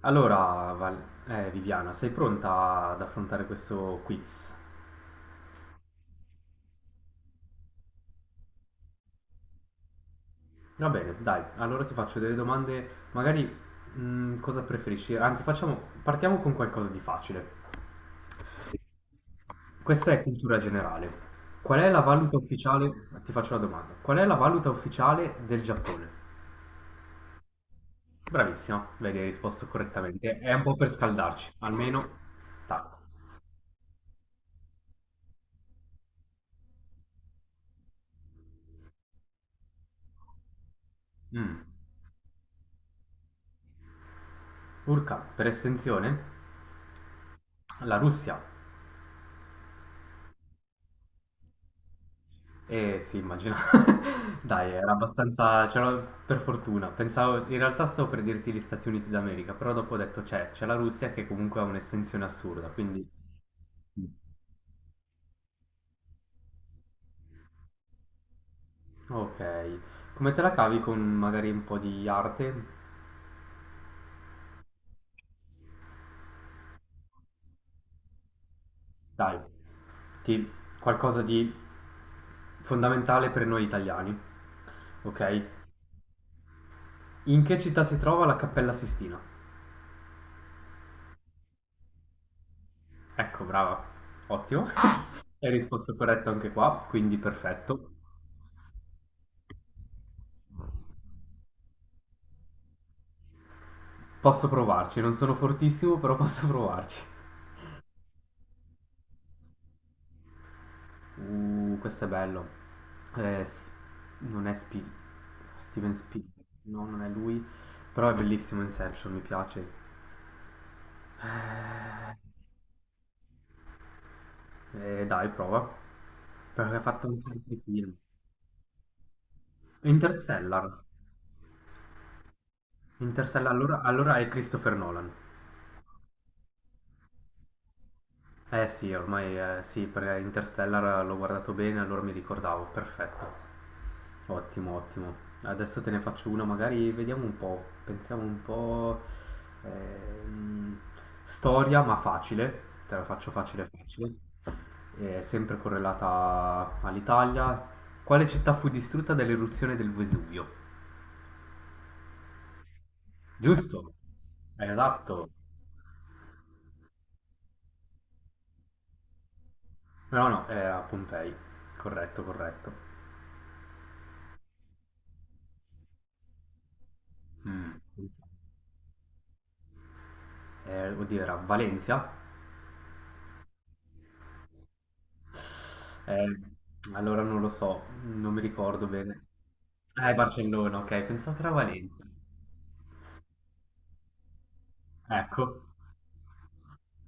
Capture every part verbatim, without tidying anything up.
Allora, Val- eh, Viviana, sei pronta ad affrontare questo quiz? Va bene, dai, allora ti faccio delle domande, magari mh, cosa preferisci? Anzi, facciamo, partiamo con qualcosa di facile. Questa è cultura generale. Qual è la valuta ufficiale? Ti faccio la domanda. Qual è la valuta ufficiale del Giappone? Bravissima, vedi, hai risposto correttamente. È un po' per scaldarci, almeno tac. Mm. Urca, per estensione, la Russia. Eh sì, immagino. Dai, era abbastanza, c'era- per fortuna. Pensavo, in realtà stavo per dirti gli Stati Uniti d'America, però dopo ho detto c'è, c'è la Russia che comunque ha un'estensione assurda, quindi. mm, Ok. Come te la cavi con magari un po' di arte? Dai, ti- qualcosa di fondamentale per noi italiani. Ok. In che città si trova la Cappella Sistina? Ecco, brava. Ottimo. Hai risposto corretto anche qua, quindi perfetto. Posso provarci, non sono fortissimo, però posso provarci. Uh, questo è bello. Eh, s- non è Spi- Steven Spielberg, no, non è lui, però è bellissimo Inception, mi piace. Eh, eh, dai, prova, perché ha fatto anche altri film. Interstellar. Interstellar, allora, allora è Christopher Nolan. Eh sì, ormai eh, sì, perché Interstellar l'ho guardato bene, allora mi ricordavo, perfetto. Ottimo, ottimo. Adesso te ne faccio una, magari vediamo un po', pensiamo un po'. ehm, storia, ma facile, te la faccio facile, facile. Eh, sempre correlata all'Italia. Quale città fu distrutta dall'eruzione del Vesuvio? Giusto? È adatto. No, no, era Pompei. Corretto, corretto. Mm. eh, oddio, era Valencia? Eh, allora non lo so, non mi ricordo bene. Eh, Barcellona, ok, pensavo che era Valencia. Ecco.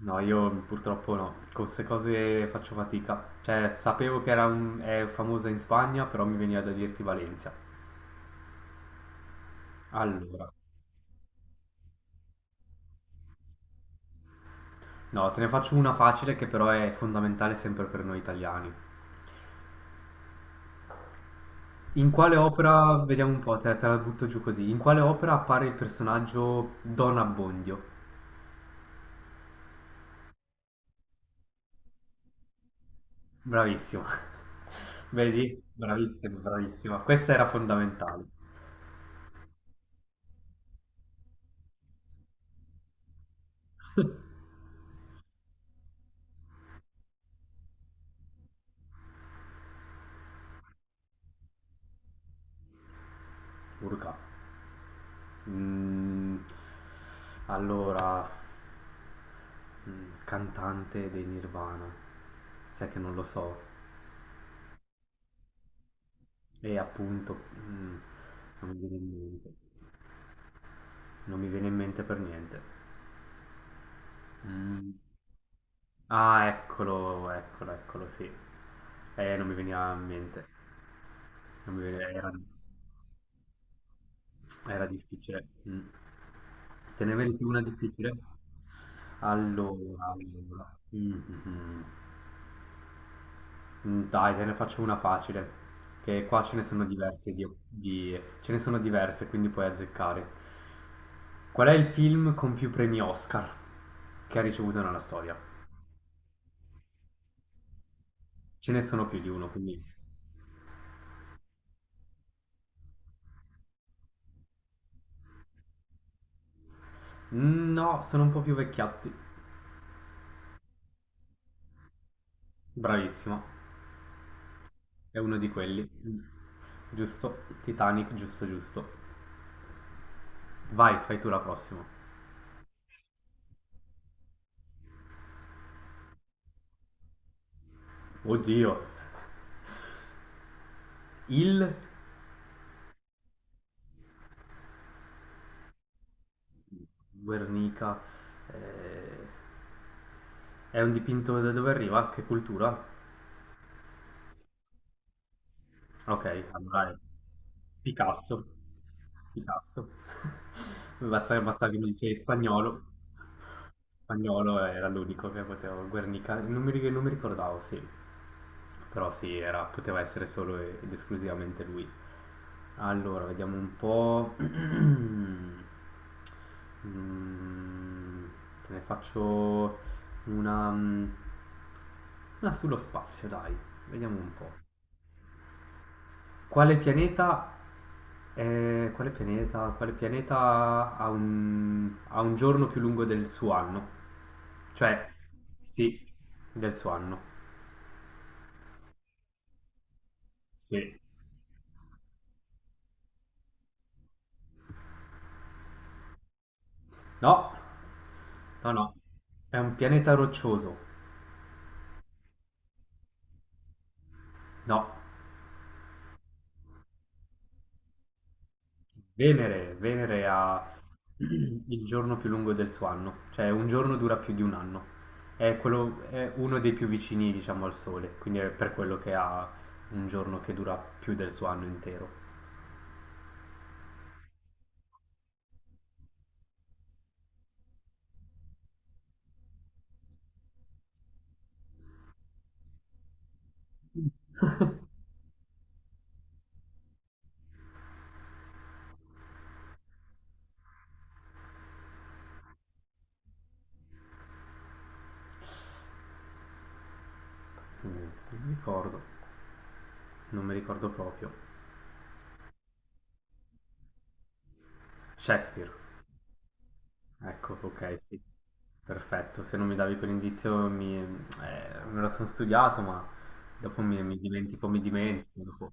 No, io purtroppo no, con queste cose faccio fatica. Cioè, sapevo che era un- è famosa in Spagna, però mi veniva da dirti Valencia. Allora, no, te ne faccio una facile che però è fondamentale sempre per noi italiani. In quale opera, vediamo un po', te, te la butto giù così, in quale opera appare il personaggio Don Abbondio? Bravissima. Vedi? Bravissima, bravissima. Questa era fondamentale. Urca. Mm, allora, mm, cantante dei Nirvana. Sai che non lo so. E appunto, mm, non mi viene in mente. Non mi viene in mente per niente. Mm. Ah, eccolo, eccolo, eccolo, sì. Eh, non mi veniva in mente. Non mi veniva- era, era difficile. Mm. Te ne meriti una difficile? Allora, allora. Mm, mm, mm. Dai, te ne faccio una facile, che qua ce ne sono diverse, di, di- ce ne sono diverse, quindi puoi azzeccare. Qual è il film con più premi Oscar che ha ricevuto nella storia? Ce ne sono più di uno, quindi. Mm, no, sono un po' più vecchiotti. Bravissimo, è uno di quelli. Giusto, Titanic, giusto, giusto. Vai, fai tu la prossima. Oddio, il Guernica, eh, è un dipinto da dove arriva? Che cultura? Ok, allora è Picasso. Picasso. Basta, basta che mi dice spagnolo. Spagnolo era l'unico che poteva, Guernica, non mi, ri- non mi ricordavo, sì, però sì, era- poteva essere solo e- ed esclusivamente lui. Allora, vediamo un po'. Mm, te ne faccio, una, mm, una sullo spazio, dai, vediamo un po'. Quale pianeta, è- quale pianeta, quale pianeta ha un, ha un giorno più lungo del suo anno? Cioè, sì, del suo anno. Sì. No, no, no, è un pianeta roccioso. No, Venere, Venere ha il giorno più lungo del suo anno, cioè un giorno dura più di un anno. È quello, è uno dei più vicini, diciamo, al Sole, quindi è per quello che ha un giorno che dura più del suo anno intero. Mm, Non mi ricordo, non mi ricordo proprio. Shakespeare. Ecco, ok, sì. Perfetto, se non mi davi quell'indizio mi, eh, me lo sono studiato, ma dopo mi, mi dimentico, mi dimentico. Dopo.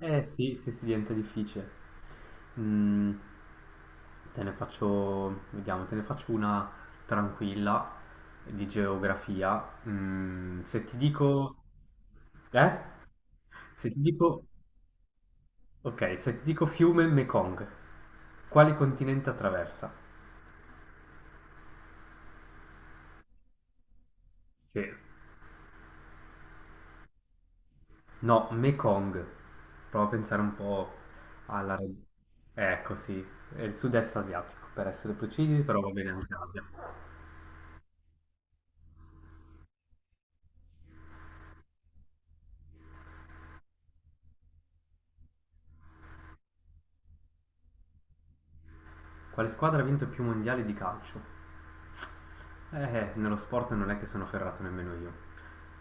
Eh sì, sì, sì, diventa difficile. Mm, te ne faccio, vediamo, te ne faccio una tranquilla di geografia. Mm, se ti dico. Eh? Se ti dico. Ok, se ti dico fiume Mekong, quale continente attraversa? Sì. No, Mekong. Prova a pensare un po' alla. Ecco, sì, è il sud-est asiatico, per essere precisi, però va bene anche Asia. Quale squadra ha vinto più mondiali di calcio? Eh, nello sport non è che sono ferrato nemmeno io.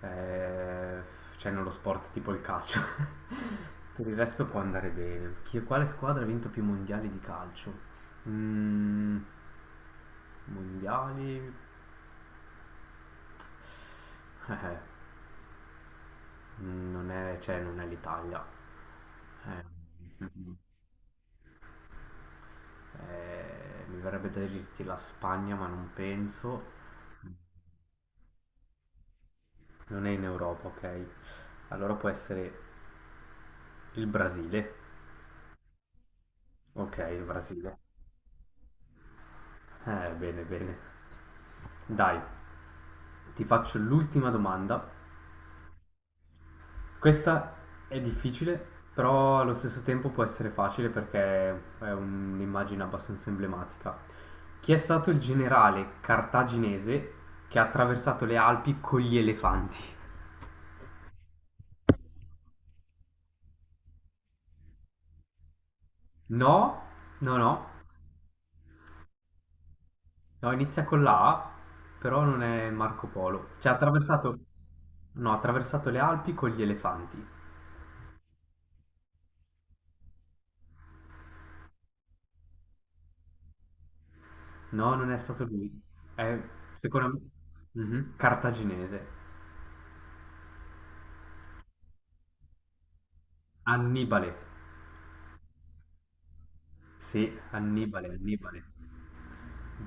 Eh, cioè, nello sport tipo il calcio. Per il resto può andare bene. Chi, quale squadra ha vinto più mondiali di calcio? Mm, mondiali? Eh, non è, cioè, non è l'Italia. Eh, mm, eh, mi verrebbe da dirti la Spagna, ma non penso. Non è in Europa, ok? Allora può essere il Brasile. Ok, il Brasile. Eh, bene, bene. Dai, ti faccio l'ultima domanda. Questa è difficile, però allo stesso tempo può essere facile perché è un'immagine abbastanza emblematica. Chi è stato il generale cartaginese che ha attraversato le Alpi con gli elefanti? No, no, no. No, inizia con la A, però non è Marco Polo. Cioè, ha attraversato. No, ha attraversato le Alpi con gli elefanti. No, non è stato lui. È, Secondo me. Mhm. Cartaginese. Annibale. Sì, Annibale, Annibale.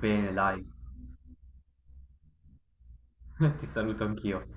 Bene, dai. Ti saluto anch'io.